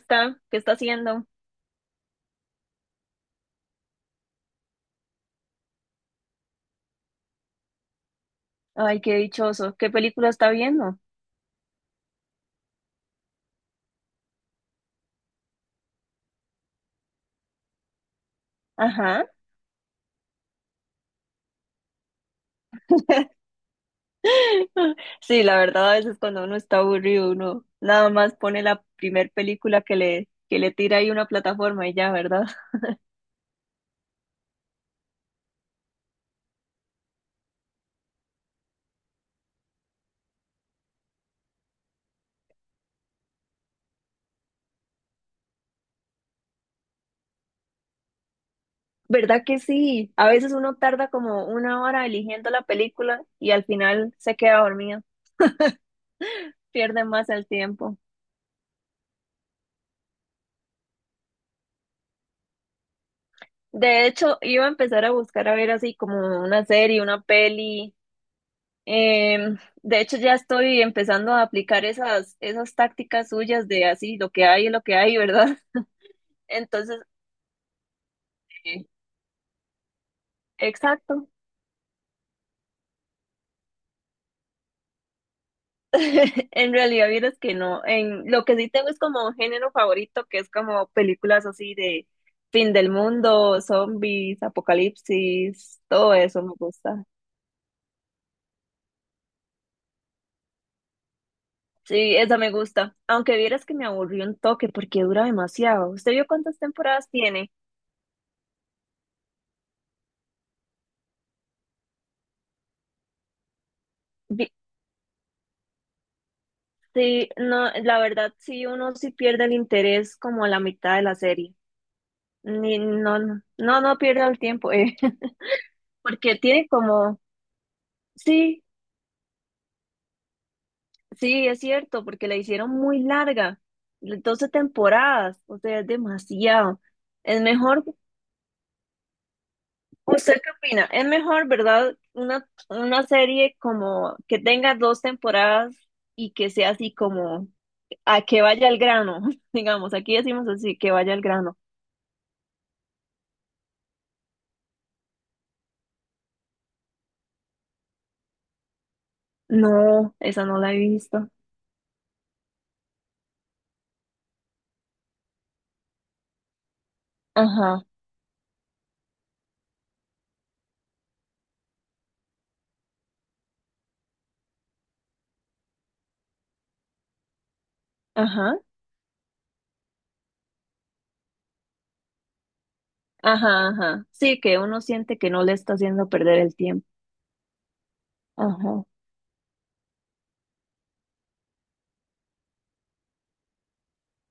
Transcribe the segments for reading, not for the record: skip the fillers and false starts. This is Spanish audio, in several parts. ¿Está? ¿Qué está haciendo? Ay, qué dichoso. ¿Qué película está viendo? Ajá. Sí, la verdad, a veces cuando uno está aburrido, uno nada más pone la primer película que le tira ahí una plataforma y ya, ¿verdad? ¿Verdad que sí? A veces uno tarda como una hora eligiendo la película y al final se queda dormido. Pierde más el tiempo. De hecho, iba a empezar a buscar a ver así como una serie, una peli. De hecho, ya estoy empezando a aplicar esas tácticas suyas de así, lo que hay es lo que hay, ¿verdad? Entonces, eh, exacto. En realidad, vieras que no. Lo que sí tengo es como un género favorito, que es como películas así de fin del mundo, zombies, apocalipsis, todo eso me gusta. Sí, esa me gusta. Aunque vieras que me aburrió un toque porque dura demasiado. ¿Usted vio cuántas temporadas tiene? Sí, no, la verdad sí, uno sí pierde el interés como a la mitad de la serie. Ni, no, no, no, no pierda el tiempo, porque tiene como, sí, sí, es cierto, porque la hicieron muy larga, 12 temporadas, o sea, es demasiado. Es mejor, ¿usted qué opina? Es mejor, ¿verdad? Una serie como que tenga dos temporadas y que sea así como a que vaya al grano, digamos, aquí decimos así, que vaya al grano. No, esa no la he visto. Ajá, ajá, ajá, ajá. Sí, que uno siente que no le está haciendo perder el tiempo. Ajá.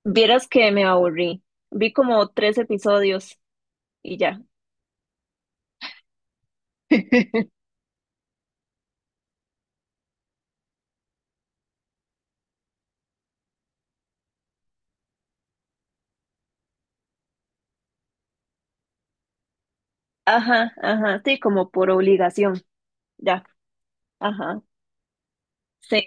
Vieras que me aburrí. Vi como tres episodios y ya. Ajá, ajá. Sí, como por obligación. Ya. Ajá. Sí.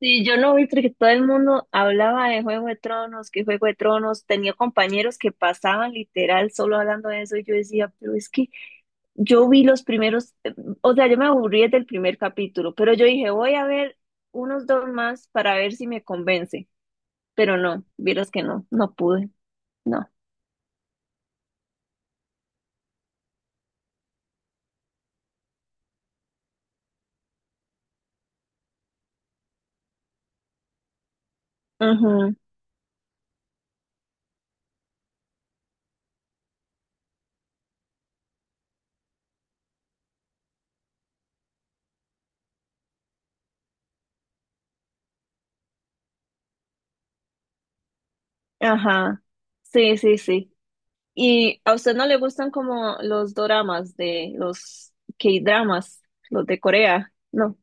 Sí, yo no vi porque todo el mundo hablaba de Juego de Tronos, que Juego de Tronos, tenía compañeros que pasaban literal solo hablando de eso y yo decía, pero es que yo vi los primeros, o sea, yo me aburrí desde el primer capítulo, pero yo dije, voy a ver unos dos más para ver si me convence, pero no, vieras que no, no pude, no. Ujú, ajá, sí, sí, sí. ¿Y a usted no le gustan como los doramas de los K-dramas, los de Corea? No.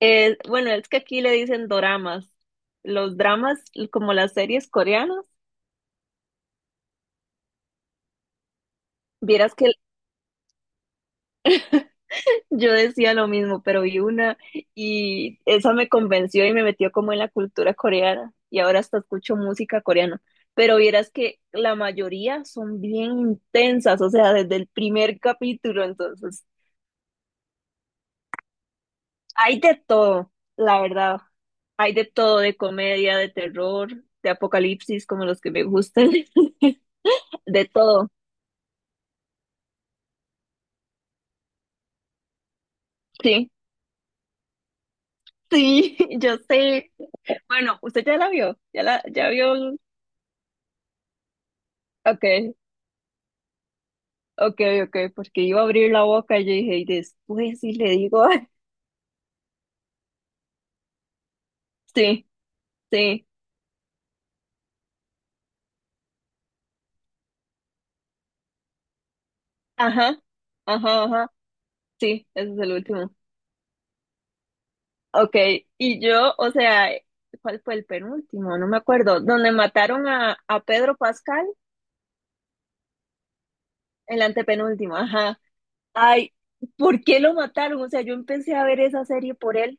Bueno, es que aquí le dicen doramas. Los dramas, como las series coreanas, vieras que yo decía lo mismo, pero vi una y esa me convenció y me metió como en la cultura coreana y ahora hasta escucho música coreana. Pero vieras que la mayoría son bien intensas, o sea, desde el primer capítulo, entonces hay de todo, la verdad. Hay de todo, de comedia, de terror, de apocalipsis, como los que me gustan, de todo, sí. Sí, yo sé. Bueno, usted ya la vio, ya vio. Ok, ok, ok, porque iba a abrir la boca y yo dije, y después sí le digo. Sí, sí, ajá, ajá, ajá, sí, ese es el último. Ok, y yo, o sea, ¿cuál fue el penúltimo? No me acuerdo, donde mataron a, Pedro Pascal, el antepenúltimo, ajá. Ay, ¿por qué lo mataron? O sea, yo empecé a ver esa serie por él,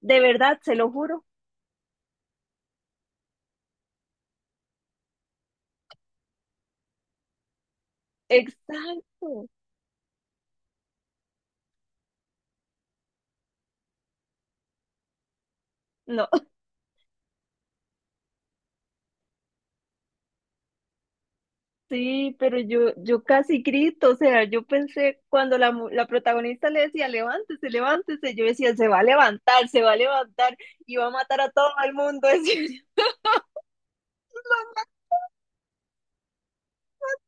de verdad, se lo juro. Exacto. No. Sí, pero yo casi grito, o sea, yo pensé cuando la protagonista le decía, levántese, levántese, yo decía, se va a levantar, se va a levantar y va a matar a todo el mundo. Decía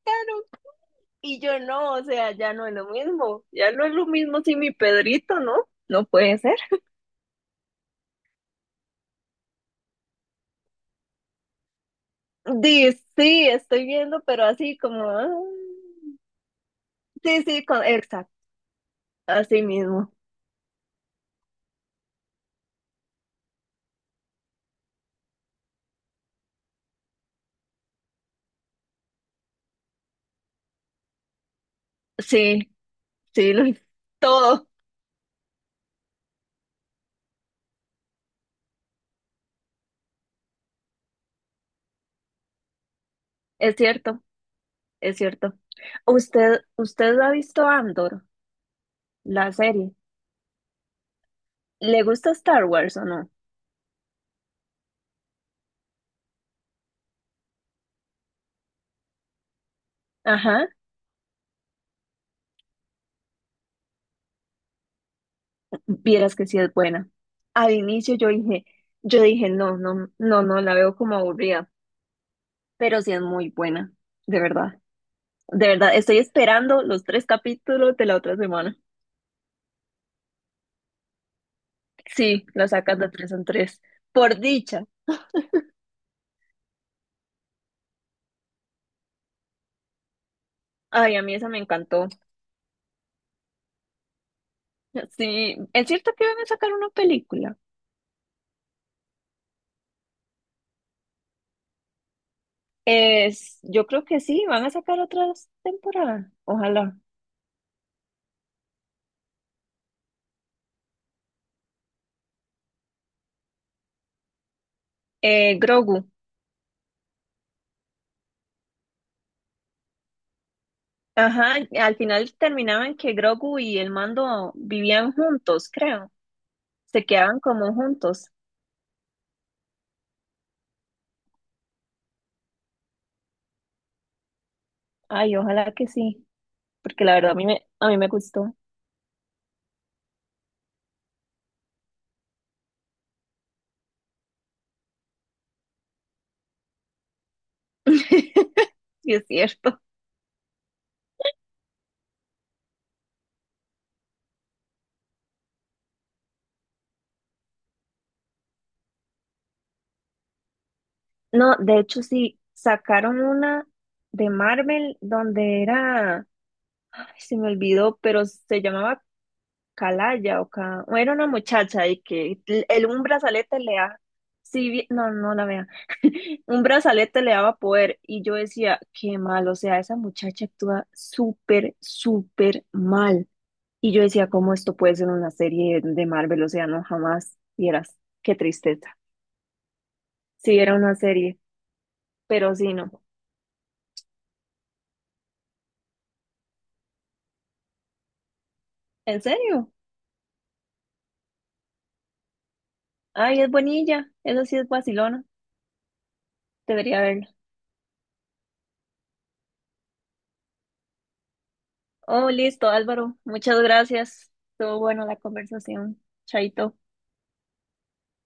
"claro". Y yo no, o sea, ya no es lo mismo, ya no es lo mismo sin mi Pedrito, ¿no? No puede ser. Di, sí, estoy viendo, pero así como, sí, sí, exacto, así mismo. Sí, sí, todo, es cierto. Es cierto. ¿Usted ha visto Andor, la serie? ¿Le gusta Star Wars o no? Ajá, vieras que sí es buena. Al inicio yo dije, no, no, no, no, la veo como aburrida, pero sí es muy buena, de verdad. De verdad, estoy esperando los tres capítulos de la otra semana. Sí, la sacas de tres en tres. Por dicha. Ay, a mí esa me encantó. Sí, es cierto que van a sacar una película. Yo creo que sí, van a sacar otra temporada, ojalá. Grogu, ajá, al final terminaban que Grogu y el mando vivían juntos, creo. Se quedaban como juntos. Ay, ojalá que sí, porque la verdad a mí me, gustó. Sí, es cierto. No, de hecho sí, sacaron una de Marvel donde era, ay, se me olvidó, pero se llamaba Calaya o Ca... o Era una muchacha y que un brazalete le da... Sí, no, no la vea. Un brazalete le daba poder y yo decía, qué mal, o sea, esa muchacha actúa súper, súper mal. Y yo decía, ¿cómo esto puede ser una serie de Marvel? O sea, no, jamás vieras. Qué tristeza. Sí, era una serie, pero sí, no. ¿En serio? Ay, es bonilla, eso sí es vacilona. Debería verla. Oh, listo, Álvaro. Muchas gracias. Estuvo bueno la conversación. Chaito.